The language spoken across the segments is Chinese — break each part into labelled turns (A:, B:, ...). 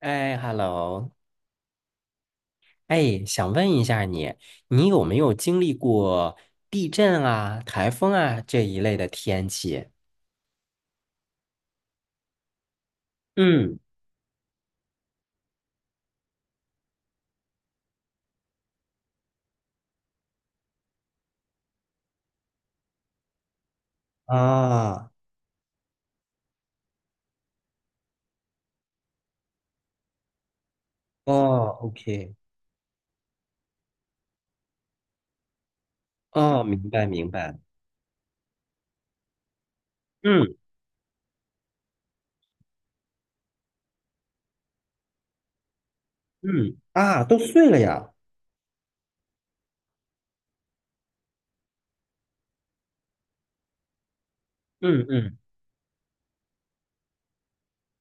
A: 哎，hello。哎，想问一下你，你有没有经历过地震啊、台风啊这一类的天气？嗯。啊。哦，OK。哦，明白明白。嗯嗯。啊，都碎了呀。嗯嗯。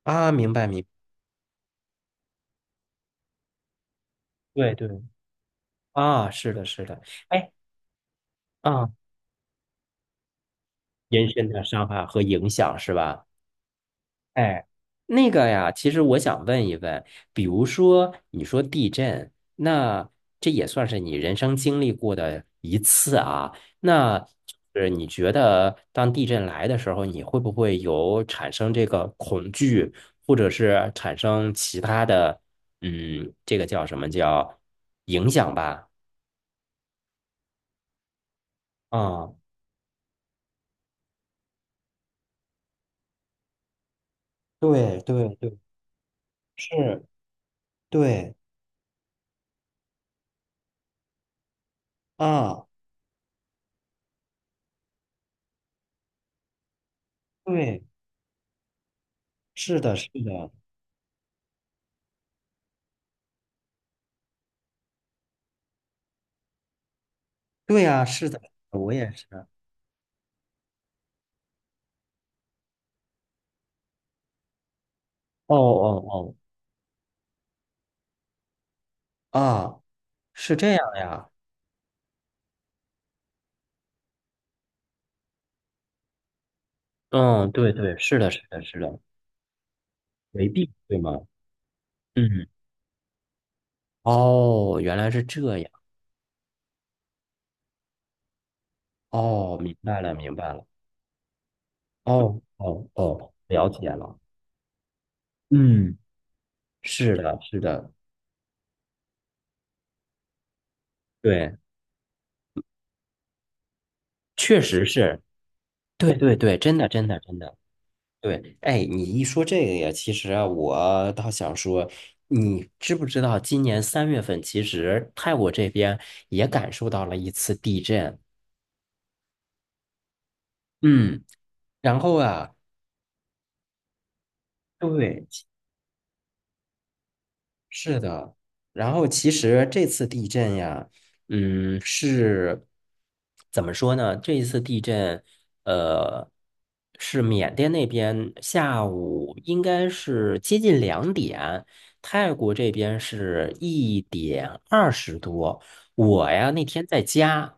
A: 啊，明白明白。对对。啊，是的，是的。哎。啊，延伸的伤害和影响是吧？哎，那个呀，其实我想问一问，比如说你说地震，那这也算是你人生经历过的一次啊。那就是你觉得当地震来的时候，你会不会有产生这个恐惧，或者是产生其他的，嗯，这个叫什么叫影响吧？啊，对对对。是，对啊，对，是的，是的。对呀，是的，我也是。哦哦哦。啊，是这样呀。嗯，对对，是的，是的，是的。回避，对吗？嗯。哦，原来是这样。哦，明白了，明白了。哦哦哦，了解了。嗯，是的，是的。对，确实是。对对对，真的真的真的。对。哎，你一说这个呀，其实啊，我倒想说，你知不知道，今年3月份，其实泰国这边也感受到了一次地震。嗯。然后啊，对。嗯，是的。然后其实这次地震呀，嗯，是怎么说呢？这一次地震，呃，是缅甸那边下午应该是接近2点，泰国这边是1点20多。我呀，那天在家。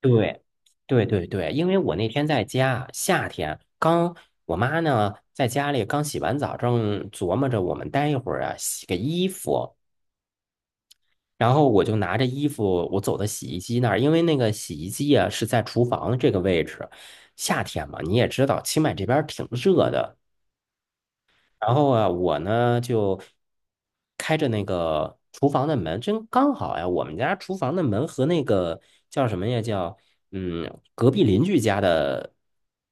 A: 对。对对对，因为我那天在家，夏天刚，我妈呢在家里刚洗完澡，正琢磨着我们待一会儿啊洗个衣服。然后我就拿着衣服，我走到洗衣机那儿，因为那个洗衣机啊是在厨房这个位置，夏天嘛，你也知道，清迈这边儿挺热的。然后啊，我呢就开着那个厨房的门，真刚好呀。我们家厨房的门和那个叫什么呀？叫隔壁邻居家的，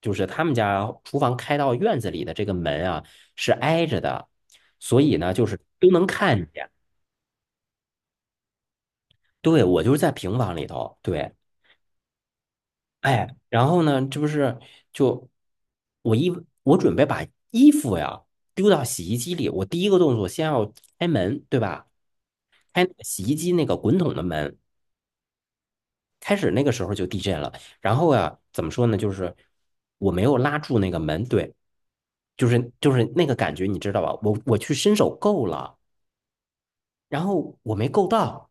A: 就是他们家厨房开到院子里的这个门啊，是挨着的，所以呢，就是都能看见。对，我就是在平房里头。对。哎，然后呢，这不是就我一我准备把衣服呀丢到洗衣机里，我第一个动作先要开门，对吧？开那个洗衣机那个滚筒的门，开始那个时候就地震了。然后呀，怎么说呢？就是我没有拉住那个门。对。就是那个感觉，你知道吧？我去伸手够了，然后我没够到。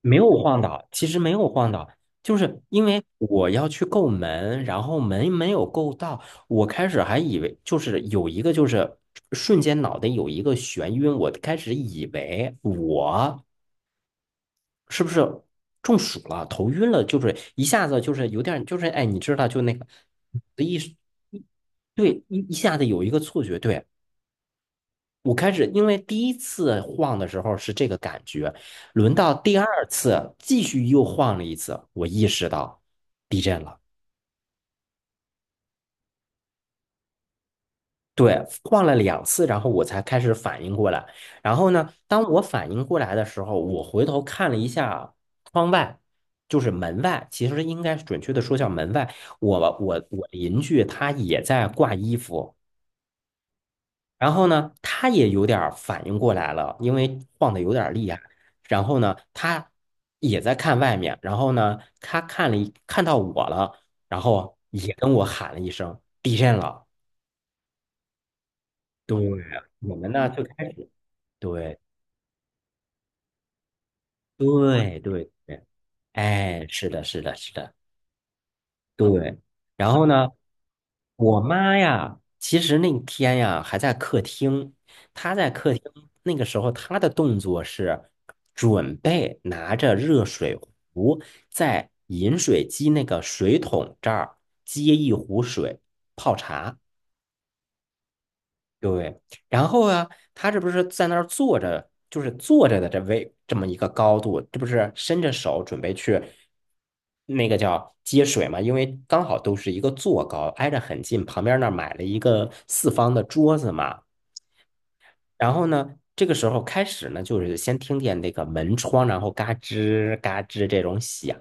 A: 没有晃倒，其实没有晃倒，就是因为我要去够门，然后门没有够到。我开始还以为就是有一个，就是瞬间脑袋有一个眩晕，我开始以为我。是不是中暑了、头晕了，就是一下子就是有点儿就是哎，你知道就那个的一一对一一下子有一个错觉。对。我开始，因为第一次晃的时候是这个感觉，轮到第二次继续又晃了一次，我意识到地震了。对，晃了两次，然后我才开始反应过来。然后呢，当我反应过来的时候，我回头看了一下窗外，就是门外，其实应该准确的说叫门外。我邻居他也在挂衣服。然后呢，他也有点儿反应过来了，因为晃的有点儿厉害。然后呢，他也在看外面，然后呢，他看了一看到我了，然后也跟我喊了一声地震了。对，我们呢就开始。对对对对。哎，是的，是的，是的。对。然后呢，我妈呀，其实那天呀还在客厅，她在客厅那个时候，她的动作是准备拿着热水壶在饮水机那个水桶这儿接一壶水泡茶。对。然后啊，他这不是在那儿坐着，就是坐着的这位这么一个高度，这不是伸着手准备去那个叫接水嘛？因为刚好都是一个坐高，挨着很近，旁边那儿买了一个四方的桌子嘛。然后呢，这个时候开始呢，就是先听见那个门窗，然后嘎吱嘎吱这种响。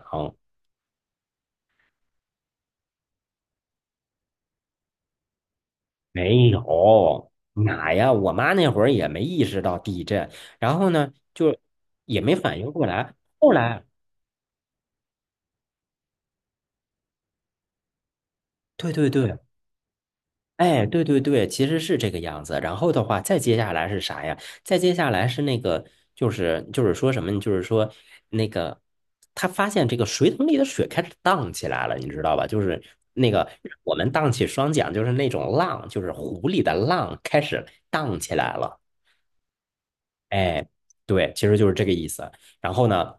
A: 没有，哪呀？我妈那会儿也没意识到地震，然后呢，就也没反应过来。后来，对对对。哎，对对对，其实是这个样子。然后的话，再接下来是啥呀？再接下来是那个，就是说什么呢，就是说那个，他发现这个水桶里的水开始荡起来了，你知道吧？就是那个我们荡起双桨，就是那种浪，就是湖里的浪开始荡起来了。哎，对，其实就是这个意思。然后呢？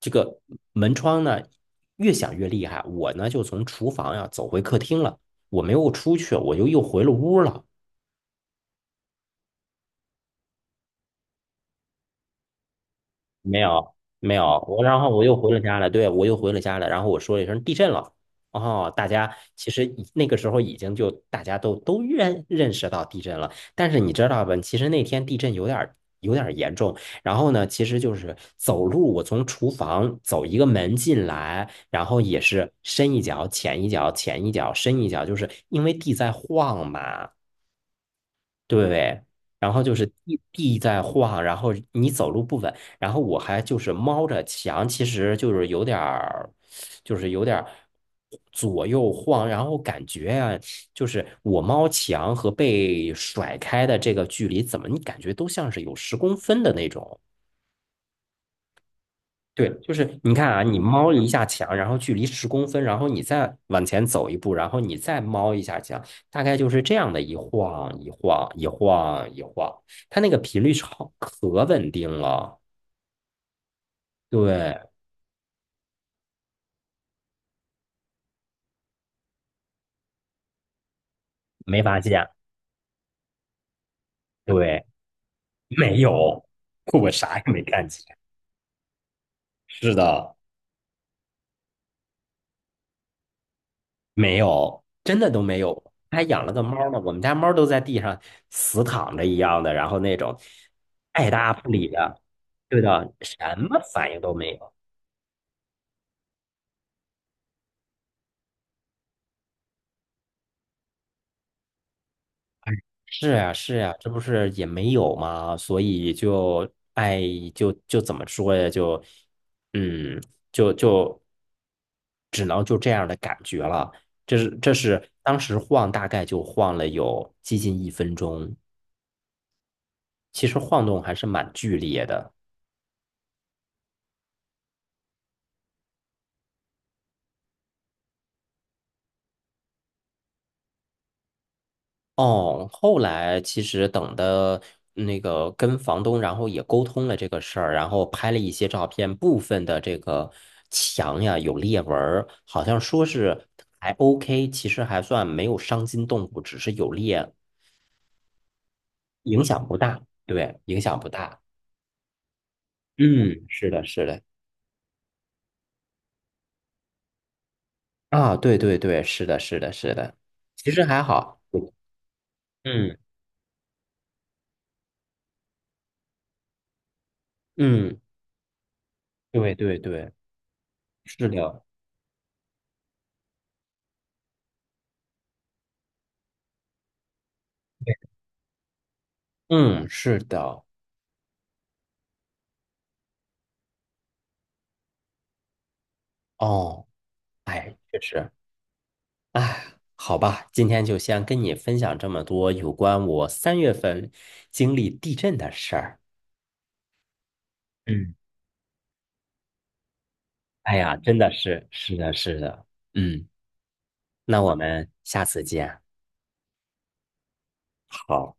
A: 这个门窗呢越响越厉害，我呢就从厨房呀、啊走回客厅了，我没有出去，我就又回了屋了。没有，没有，我然后我又回了家了。对，我又回了家了，然后我说了一声地震了。哦，大家其实已那个时候已经就大家都认识到地震了，但是你知道吧，其实那天地震有点儿严重。然后呢，其实就是走路，我从厨房走一个门进来，然后也是深一脚浅一脚浅一脚深一脚，就是因为地在晃嘛。对。然后就是地在晃，然后你走路不稳，然后我还就是猫着墙，其实就是有点儿，就是有点儿左右晃，然后感觉呀，就是我猫墙和被甩开的这个距离，怎么你感觉都像是有十公分的那种。对，就是你看啊，你猫一下墙，然后距离十公分，然后你再往前走一步，然后你再猫一下墙，大概就是这样的一晃一晃一晃一晃，它那个频率超可稳定了。对。没发现。对，没有，我啥也没看见。是的。没有，真的都没有。还养了个猫呢，我们家猫都在地上死躺着一样的，然后那种爱搭不理的。对的，什么反应都没有。是呀，是呀，这不是也没有吗？所以就哎，就就怎么说呀？就嗯，就就只能就这样的感觉了。这是这是当时晃，大概就晃了有接近1分钟，其实晃动还是蛮剧烈的。哦，后来其实等的那个跟房东，然后也沟通了这个事儿，然后拍了一些照片，部分的这个墙呀有裂纹儿，好像说是还 OK，其实还算没有伤筋动骨，只是有裂，影响不大。对，影响不大。嗯，是的，是的。啊，对对对，是的，是的，是的，其实还好。嗯嗯。嗯，对对对，是的。嗯，是的。哦。哎，确实。哎，好吧，今天就先跟你分享这么多有关我三月份经历地震的事儿。嗯。哎呀，真的是，是的，是的。嗯，那我们下次见。好。